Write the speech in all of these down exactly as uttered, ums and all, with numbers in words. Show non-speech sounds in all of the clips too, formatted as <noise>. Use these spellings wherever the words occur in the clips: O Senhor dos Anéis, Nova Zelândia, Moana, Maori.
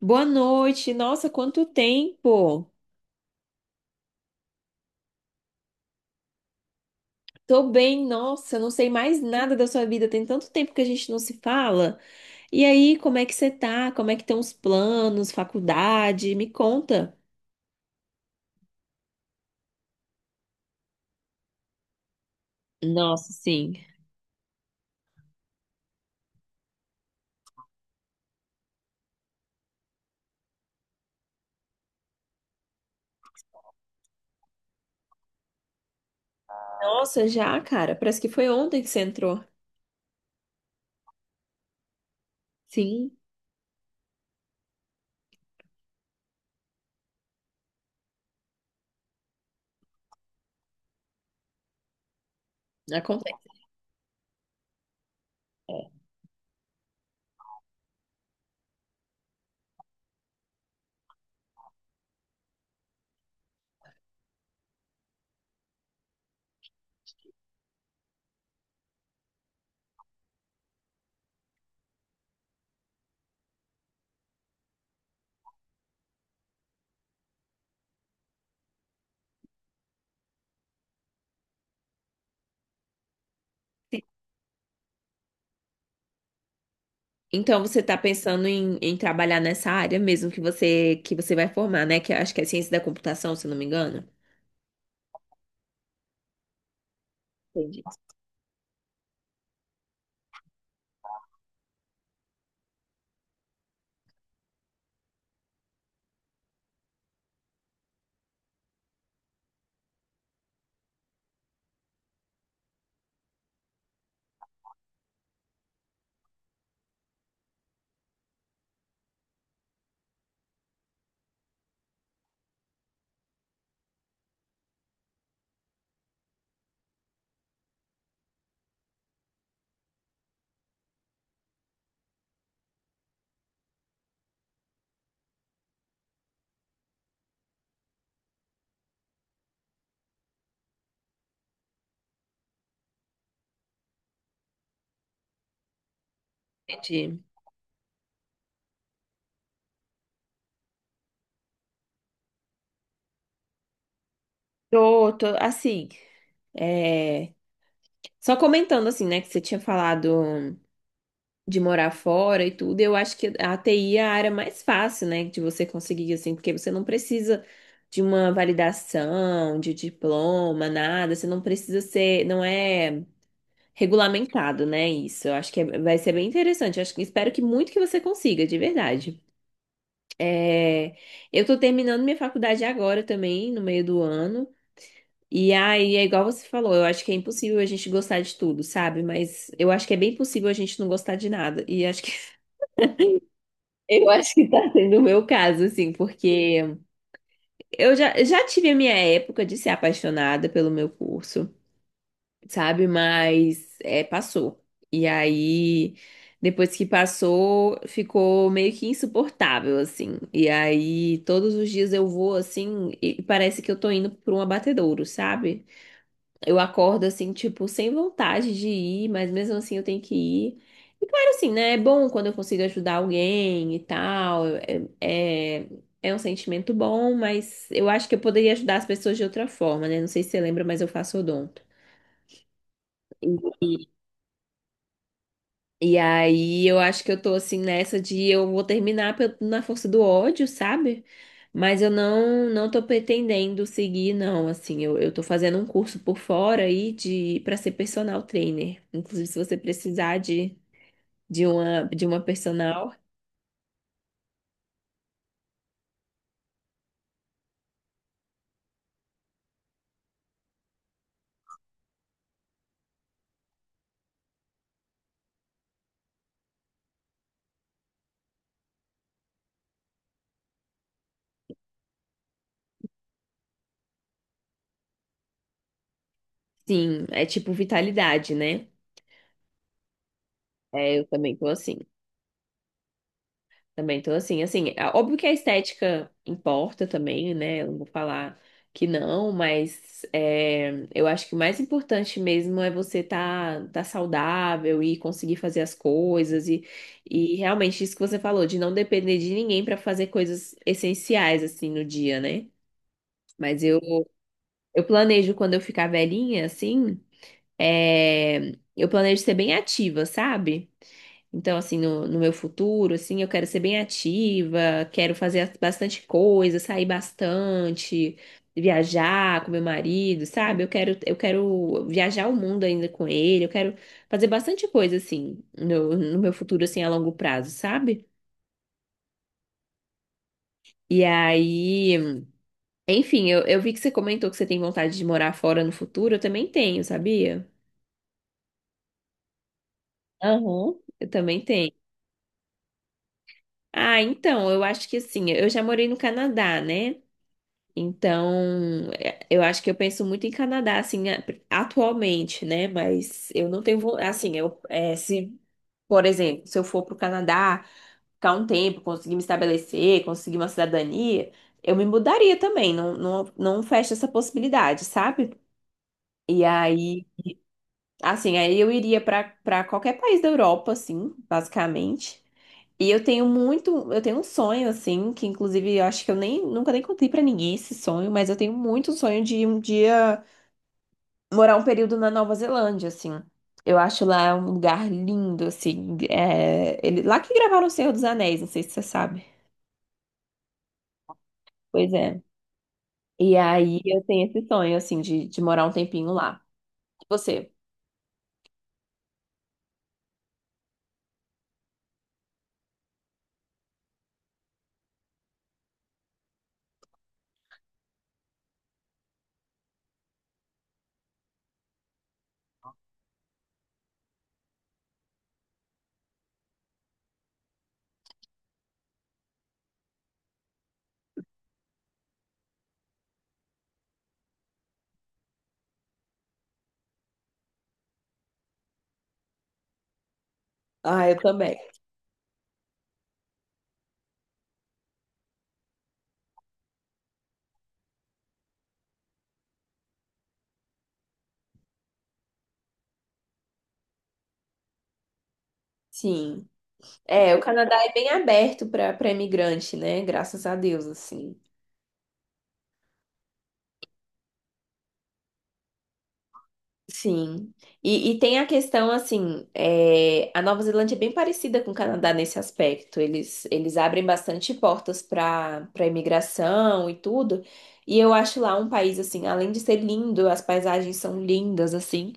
Boa noite. Nossa, quanto tempo! Tô bem, nossa, não sei mais nada da sua vida. Tem tanto tempo que a gente não se fala. E aí, como é que você tá? Como é que estão os planos, faculdade? Me conta. Nossa, sim. Nossa, já, cara, parece que foi ontem que você entrou. Sim, acontece. Então você tá pensando em, em trabalhar nessa área mesmo que você que você vai formar, né? Que eu acho que é ciência da computação, se eu não me engano. Entendi. Entendi. Tô, tô, assim. É. Só comentando assim, né, que você tinha falado de morar fora e tudo, eu acho que a T I é a área mais fácil, né, de você conseguir, assim, porque você não precisa de uma validação, de diploma, nada, você não precisa ser, não é regulamentado, né, isso. Eu acho que é- vai ser bem interessante, eu acho que espero que muito que você consiga, de verdade. É, eu tô terminando minha faculdade agora também, no meio do ano. E aí, é igual você falou, eu acho que é impossível a gente gostar de tudo, sabe? Mas eu acho que é bem possível a gente não gostar de nada. E acho que <laughs> eu acho que tá sendo o meu caso, assim, porque eu já, já tive a minha época de ser apaixonada pelo meu curso, sabe? Mas é, passou. E aí, depois que passou, ficou meio que insuportável, assim. E aí, todos os dias eu vou assim, e parece que eu tô indo pra um abatedouro, sabe? Eu acordo assim, tipo, sem vontade de ir, mas mesmo assim eu tenho que ir. E claro, assim, né? É bom quando eu consigo ajudar alguém e tal. É, é, é um sentimento bom, mas eu acho que eu poderia ajudar as pessoas de outra forma, né? Não sei se você lembra, mas eu faço odonto. E aí eu acho que eu tô assim nessa de eu vou terminar pe- na força do ódio, sabe? Mas eu não não tô pretendendo seguir, não, assim, eu, eu tô fazendo um curso por fora aí de para ser personal trainer. Inclusive, se você precisar de, de uma de uma personal, sim, é tipo vitalidade, né? É, eu também tô assim. Também tô assim, assim, é óbvio que a estética importa também, né? Eu não vou falar que não, mas é, eu acho que o mais importante mesmo é você tá, tá saudável e conseguir fazer as coisas e, e realmente isso que você falou, de não depender de ninguém para fazer coisas essenciais assim no dia, né? Mas eu, eu planejo quando eu ficar velhinha, assim, é, eu planejo ser bem ativa, sabe? Então, assim, no, no meu futuro, assim, eu quero ser bem ativa, quero fazer bastante coisa, sair bastante, viajar com meu marido, sabe? Eu quero, eu quero viajar o mundo ainda com ele, eu quero fazer bastante coisa, assim, no, no meu futuro, assim, a longo prazo, sabe? E aí, enfim, eu, eu vi que você comentou que você tem vontade de morar fora no futuro, eu também tenho, sabia? Aham. Eu também tenho. Ah, então, eu acho que assim, eu já morei no Canadá, né? Então, é, eu acho que eu penso muito em Canadá, assim, a- atualmente, né? Mas eu não tenho, vo- assim, eu, é, se, por exemplo, se eu for para o Canadá, ficar um tempo, conseguir me estabelecer, conseguir uma cidadania, eu me mudaria também, não, não, não fecho essa possibilidade, sabe? E aí, assim, aí eu iria para para qualquer país da Europa, assim, basicamente. E eu tenho muito, eu tenho um sonho assim, que inclusive eu acho que eu nem nunca nem contei pra ninguém esse sonho, mas eu tenho muito sonho de um dia morar um período na Nova Zelândia, assim. Eu acho lá um lugar lindo, assim. É, ele, lá que gravaram O Senhor dos Anéis, não sei se você sabe. Pois é. E aí eu tenho esse sonho, assim, de, de morar um tempinho lá. E você? Ah, eu também. Sim. É, o Canadá é bem aberto para para imigrante, né? Graças a Deus, assim. Sim. E, e tem a questão, assim, é, a Nova Zelândia é bem parecida com o Canadá nesse aspecto. Eles, eles abrem bastante portas para para imigração e tudo. E eu acho lá um país, assim, além de ser lindo, as paisagens são lindas, assim.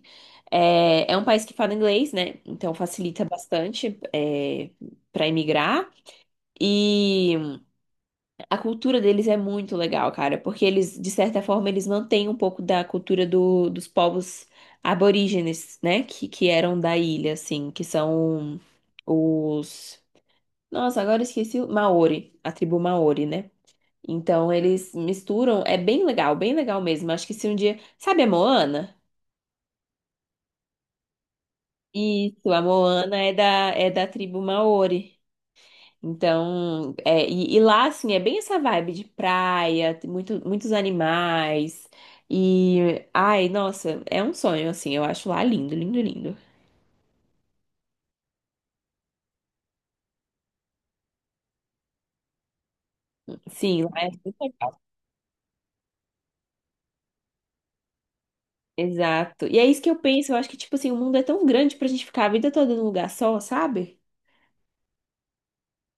É, é um país que fala inglês, né? Então facilita bastante, é, para imigrar. E. A cultura deles é muito legal, cara, porque eles, de certa forma, eles mantêm um pouco da cultura do- dos povos aborígenes, né? Que, que eram da ilha, assim, que são os. Nossa, agora eu esqueci o Maori, a tribo Maori, né? Então eles misturam, é bem legal, bem legal mesmo. Acho que se um dia. Sabe a Moana? Isso, a Moana é da, é da, tribo Maori. Então, é, e, e lá, assim, é bem essa vibe de praia, tem muito, muitos animais. E, ai, nossa, é um sonho, assim, eu acho lá lindo, lindo, lindo. Sim, lá é super legal. Exato. E é isso que eu penso, eu acho que, tipo assim, o mundo é tão grande pra gente ficar a vida toda num lugar só, sabe?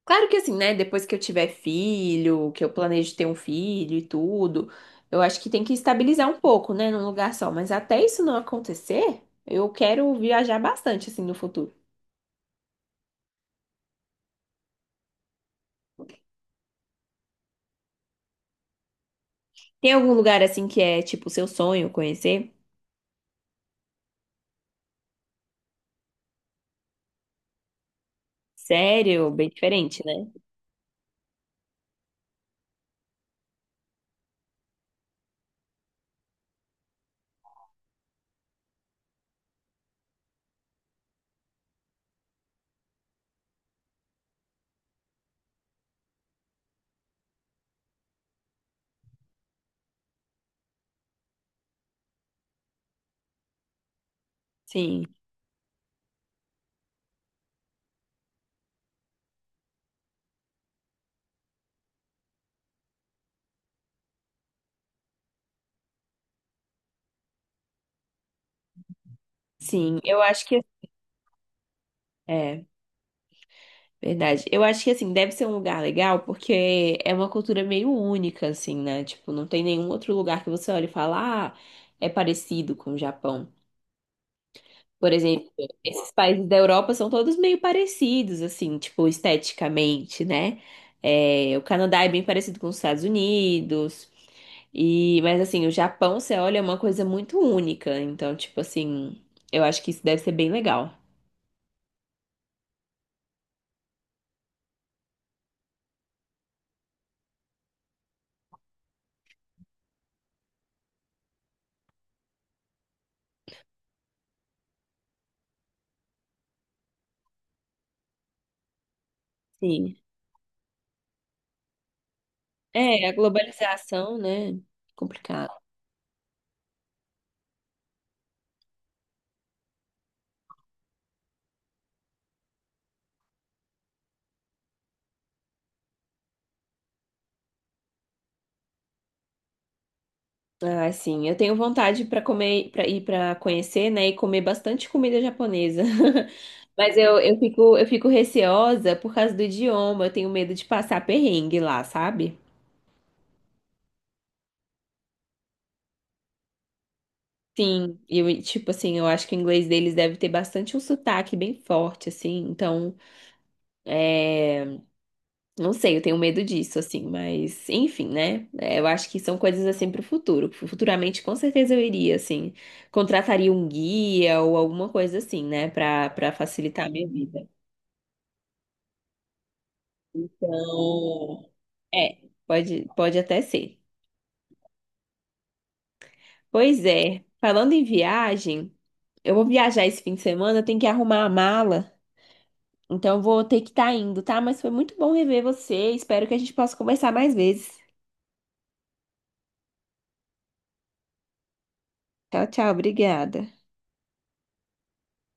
Claro que, assim, né, depois que eu tiver filho, que eu planejo ter um filho e tudo, eu acho que tem que estabilizar um pouco, né, num lugar só. Mas até isso não acontecer, eu quero viajar bastante, assim, no futuro. Tem algum lugar assim que é tipo seu sonho conhecer? Sério, bem diferente, né? Sim, sim. Eu acho que é verdade. Eu acho que assim deve ser um lugar legal porque é uma cultura meio única assim, né? Tipo, não tem nenhum outro lugar que você olhe e fala, ah, é parecido com o Japão. Por exemplo, esses países da Europa são todos meio parecidos, assim, tipo, esteticamente, né? É, o Canadá é bem parecido com os Estados Unidos. E, mas assim, o Japão, você olha, é uma coisa muito única. Então, tipo assim, eu acho que isso deve ser bem legal. Sim. É, a globalização, né? Complicado. Ah, sim. Eu tenho vontade para comer, para ir para conhecer, né, e comer bastante comida japonesa. <laughs> Mas eu, eu fico, eu fico receosa por causa do idioma. Eu tenho medo de passar perrengue lá, sabe? Sim, e eu, tipo assim, eu acho que o inglês deles deve ter bastante um sotaque bem forte, assim. Então, é. Não sei, eu tenho medo disso, assim, mas enfim, né? É, eu acho que são coisas assim pro futuro. Futuramente, com certeza eu iria, assim, contrataria um guia ou alguma coisa assim, né, Pra para facilitar a minha vida. Então, é, pode, pode até ser. Pois é, falando em viagem, eu vou viajar esse fim de semana, eu tenho que arrumar a mala, então eu vou ter que estar indo, tá? Mas foi muito bom rever você, espero que a gente possa conversar mais vezes. Tchau, tchau, obrigada.